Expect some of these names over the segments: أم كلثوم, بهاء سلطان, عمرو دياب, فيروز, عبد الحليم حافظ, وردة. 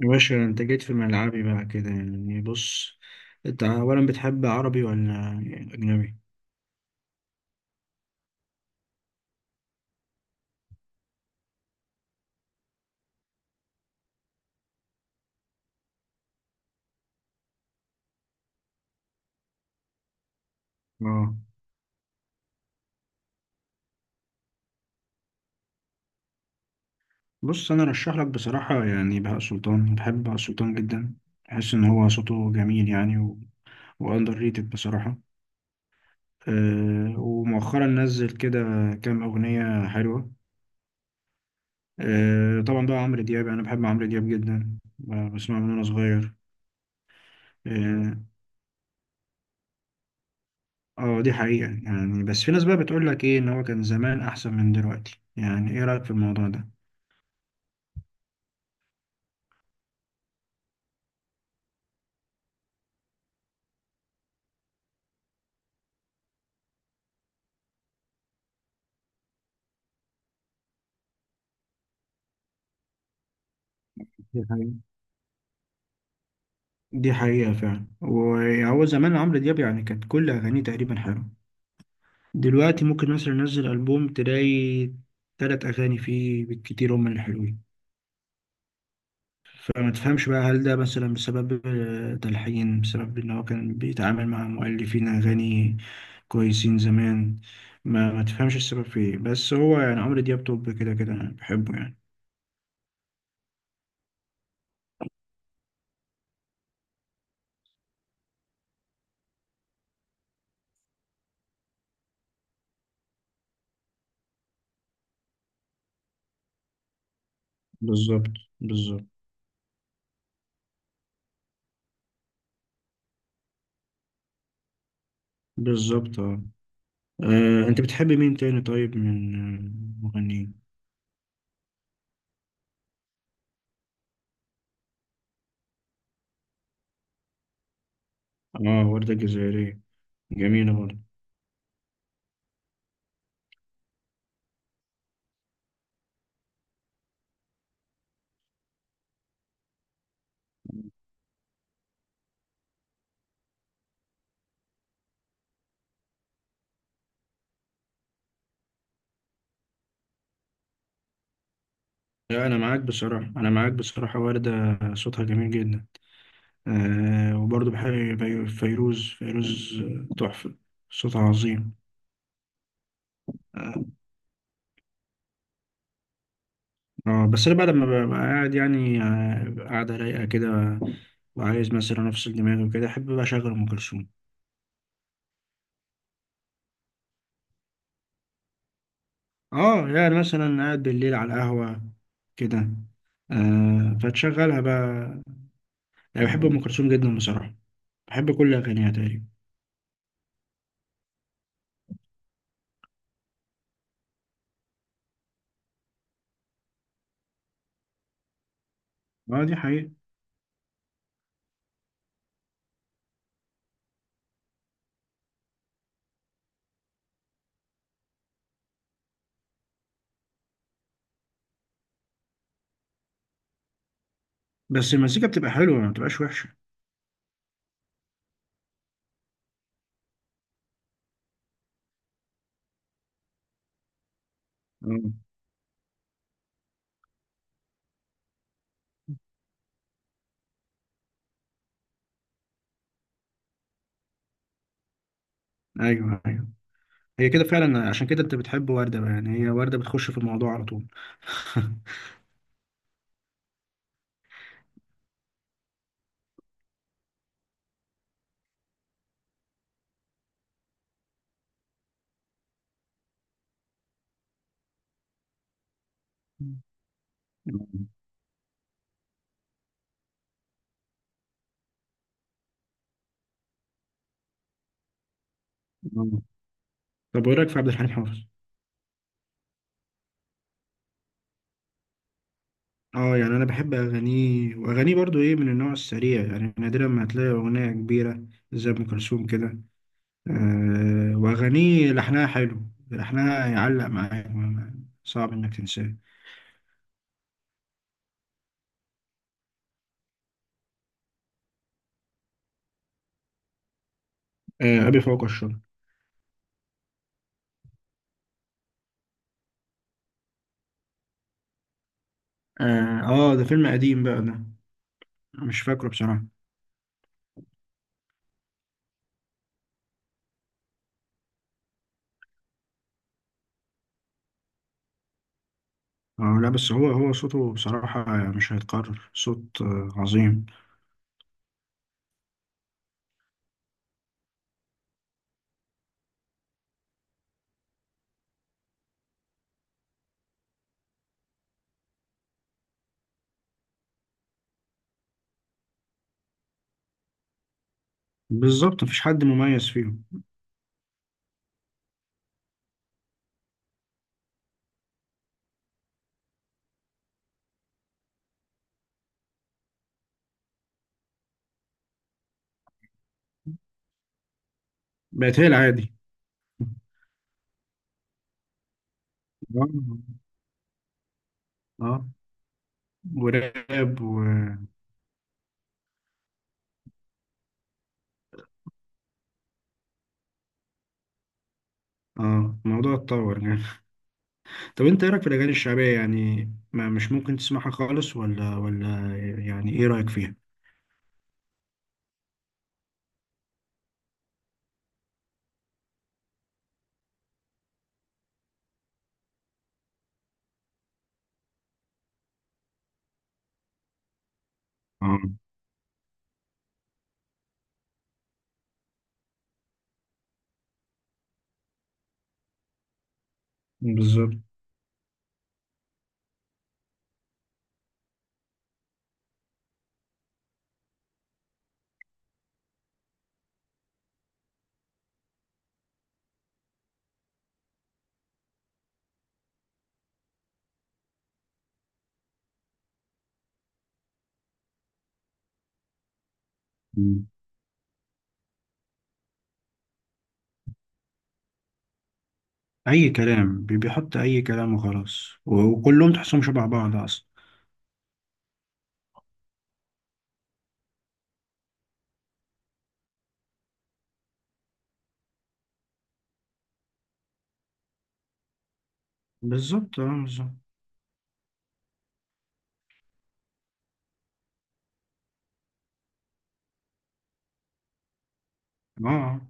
يا باشا، انت جيت في ملعبي بقى كده، يعني بص. انت اولا بتحب عربي ولا اجنبي؟ اه بص، انا ارشح لك بصراحه. يعني بهاء سلطان، بحب بهاء سلطان جدا. بحس ان هو صوته جميل يعني واندر ريتد بصراحه. أه، ومؤخرا نزل كده كام اغنيه حلوه. أه طبعا، بقى عمرو دياب انا بحب عمرو دياب جدا، بسمعه من وانا صغير. اه، دي حقيقه يعني. بس في ناس بقى بتقول لك ايه، ان هو كان زمان احسن من دلوقتي. يعني ايه رايك في الموضوع ده؟ دي حقيقة، دي حقيقة فعلا. وهو زمان عمرو دياب يعني كانت كل أغانيه تقريبا حلوة. دلوقتي ممكن مثلا ينزل ألبوم تلاقي تلات أغاني فيه بالكتير هما اللي حلوين. فما تفهمش بقى، هل ده مثلا بسبب تلحين، بسبب إن هو كان بيتعامل مع مؤلفين أغاني كويسين زمان. ما تفهمش السبب في إيه. بس هو يعني عمرو دياب توب كده كده، أنا بحبه يعني. بالظبط، بالظبط، بالظبط. اه. أنت بتحب مين تاني؟ طيب من مغنيين؟ اه، وردة جزائرية. جميلة برضه. لا، أنا معاك بصراحة، أنا معاك بصراحة. وردة صوتها جميل جدا. آه، وبرضه بحب فيروز. فيروز تحفة، صوتها عظيم. آه. بس أنا بعد ما ببقى قاعد يعني قاعدة رايقة كده، وعايز مثلا أفصل دماغي وكده، أحب بقى أشغل أم كلثوم. اه، يعني مثلا قاعد بالليل على القهوة كده، فتشغلها بقى. يعني بحب أم كلثوم جدا بصراحة، بحب كل أغانيها تقريبا. اه، دي حقيقة. بس المزيكا بتبقى حلوة، ما بتبقاش وحشة. مم. ايوه، ايوه، هي كده فعلا. عشان كده انت بتحب وردة بقى، يعني هي وردة بتخش في الموضوع على طول. مم. مم. طب وايه رايك في عبد الحليم حافظ؟ اه، يعني انا بحب اغانيه، واغانيه برضو ايه من النوع السريع. يعني نادرا ما هتلاقي اغنيه كبيره زي ام كلثوم كده. آه، واغانيه لحنها حلو، لحنها يعلق معاك، صعب انك تنساه. آه، ابي فوق الشر. اه، ده فيلم قديم بقى ده. مش فاكره بصراحه. لا، بس هو صوته بصراحة مش هيتكرر. صوت عظيم. بالظبط، مفيش حد مميز فيهم. بقت هي العادي. اه. آه، وراب و... اه، الموضوع اتطور يعني. طب انت ايه رايك في الاغاني الشعبية يعني؟ ما مش ممكن تسمعها خالص ولا يعني؟ ايه رايك فيها؟ اه، بالظبط. مم. اي كلام، بيحط اي كلام وخلاص، وكلهم تحسهم شبه بعض اصلا. بالظبط. اه، بالظبط. اه. آه.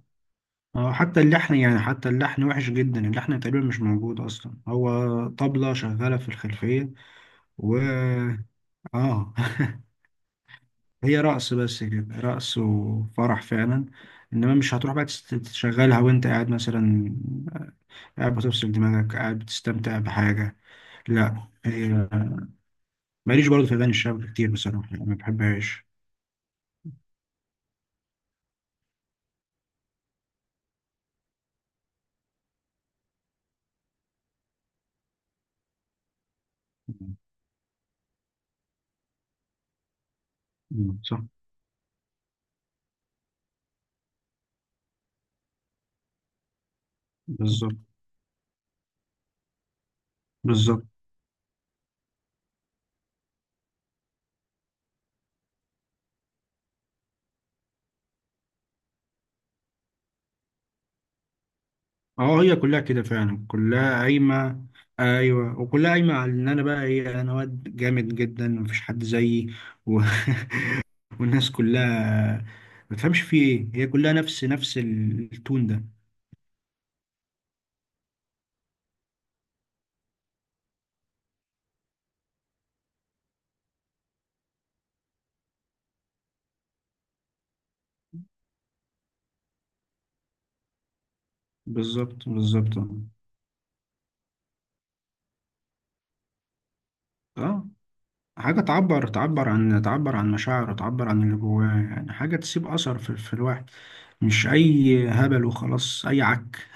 اه، حتى اللحن، يعني حتى اللحن وحش جدا. اللحن تقريبا مش موجود اصلا، هو طبلة شغالة في الخلفية و اه. هي رقص بس كده، رقص وفرح فعلا. انما مش هتروح بقى تشغلها وانت قاعد مثلا. آه، قاعد بتفصل دماغك، قاعد بتستمتع بحاجة. لا، هي ماليش برضه في اغاني الشعب كتير بصراحة، يعني ما بحبهاش. مم. صح. بالظبط، بالظبط. اه، هي كلها كده فعلا، كلها قايمة. ايوه، وكلها قايمة على ان انا بقى ايه، انا واد جامد جدا مفيش حد زيي و... والناس كلها ما تفهمش في ايه، هي كلها نفس التون ده. بالظبط، بالظبط. اه، حاجة تعبر عن مشاعره، تعبر عن اللي جواه يعني. حاجة تسيب أثر في الواحد، مش أي هبل وخلاص، أي عك.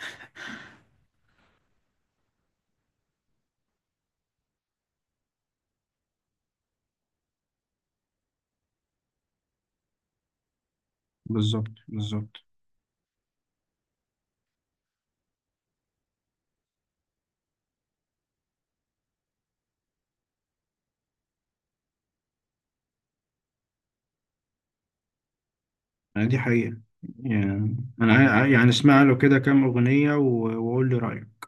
بالظبط، بالظبط. يعني دي حقيقة. يعني أنا يعني اسمع له كده كام أغنية، وقول لي رأيك.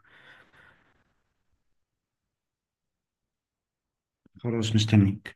خلاص، مستنيك.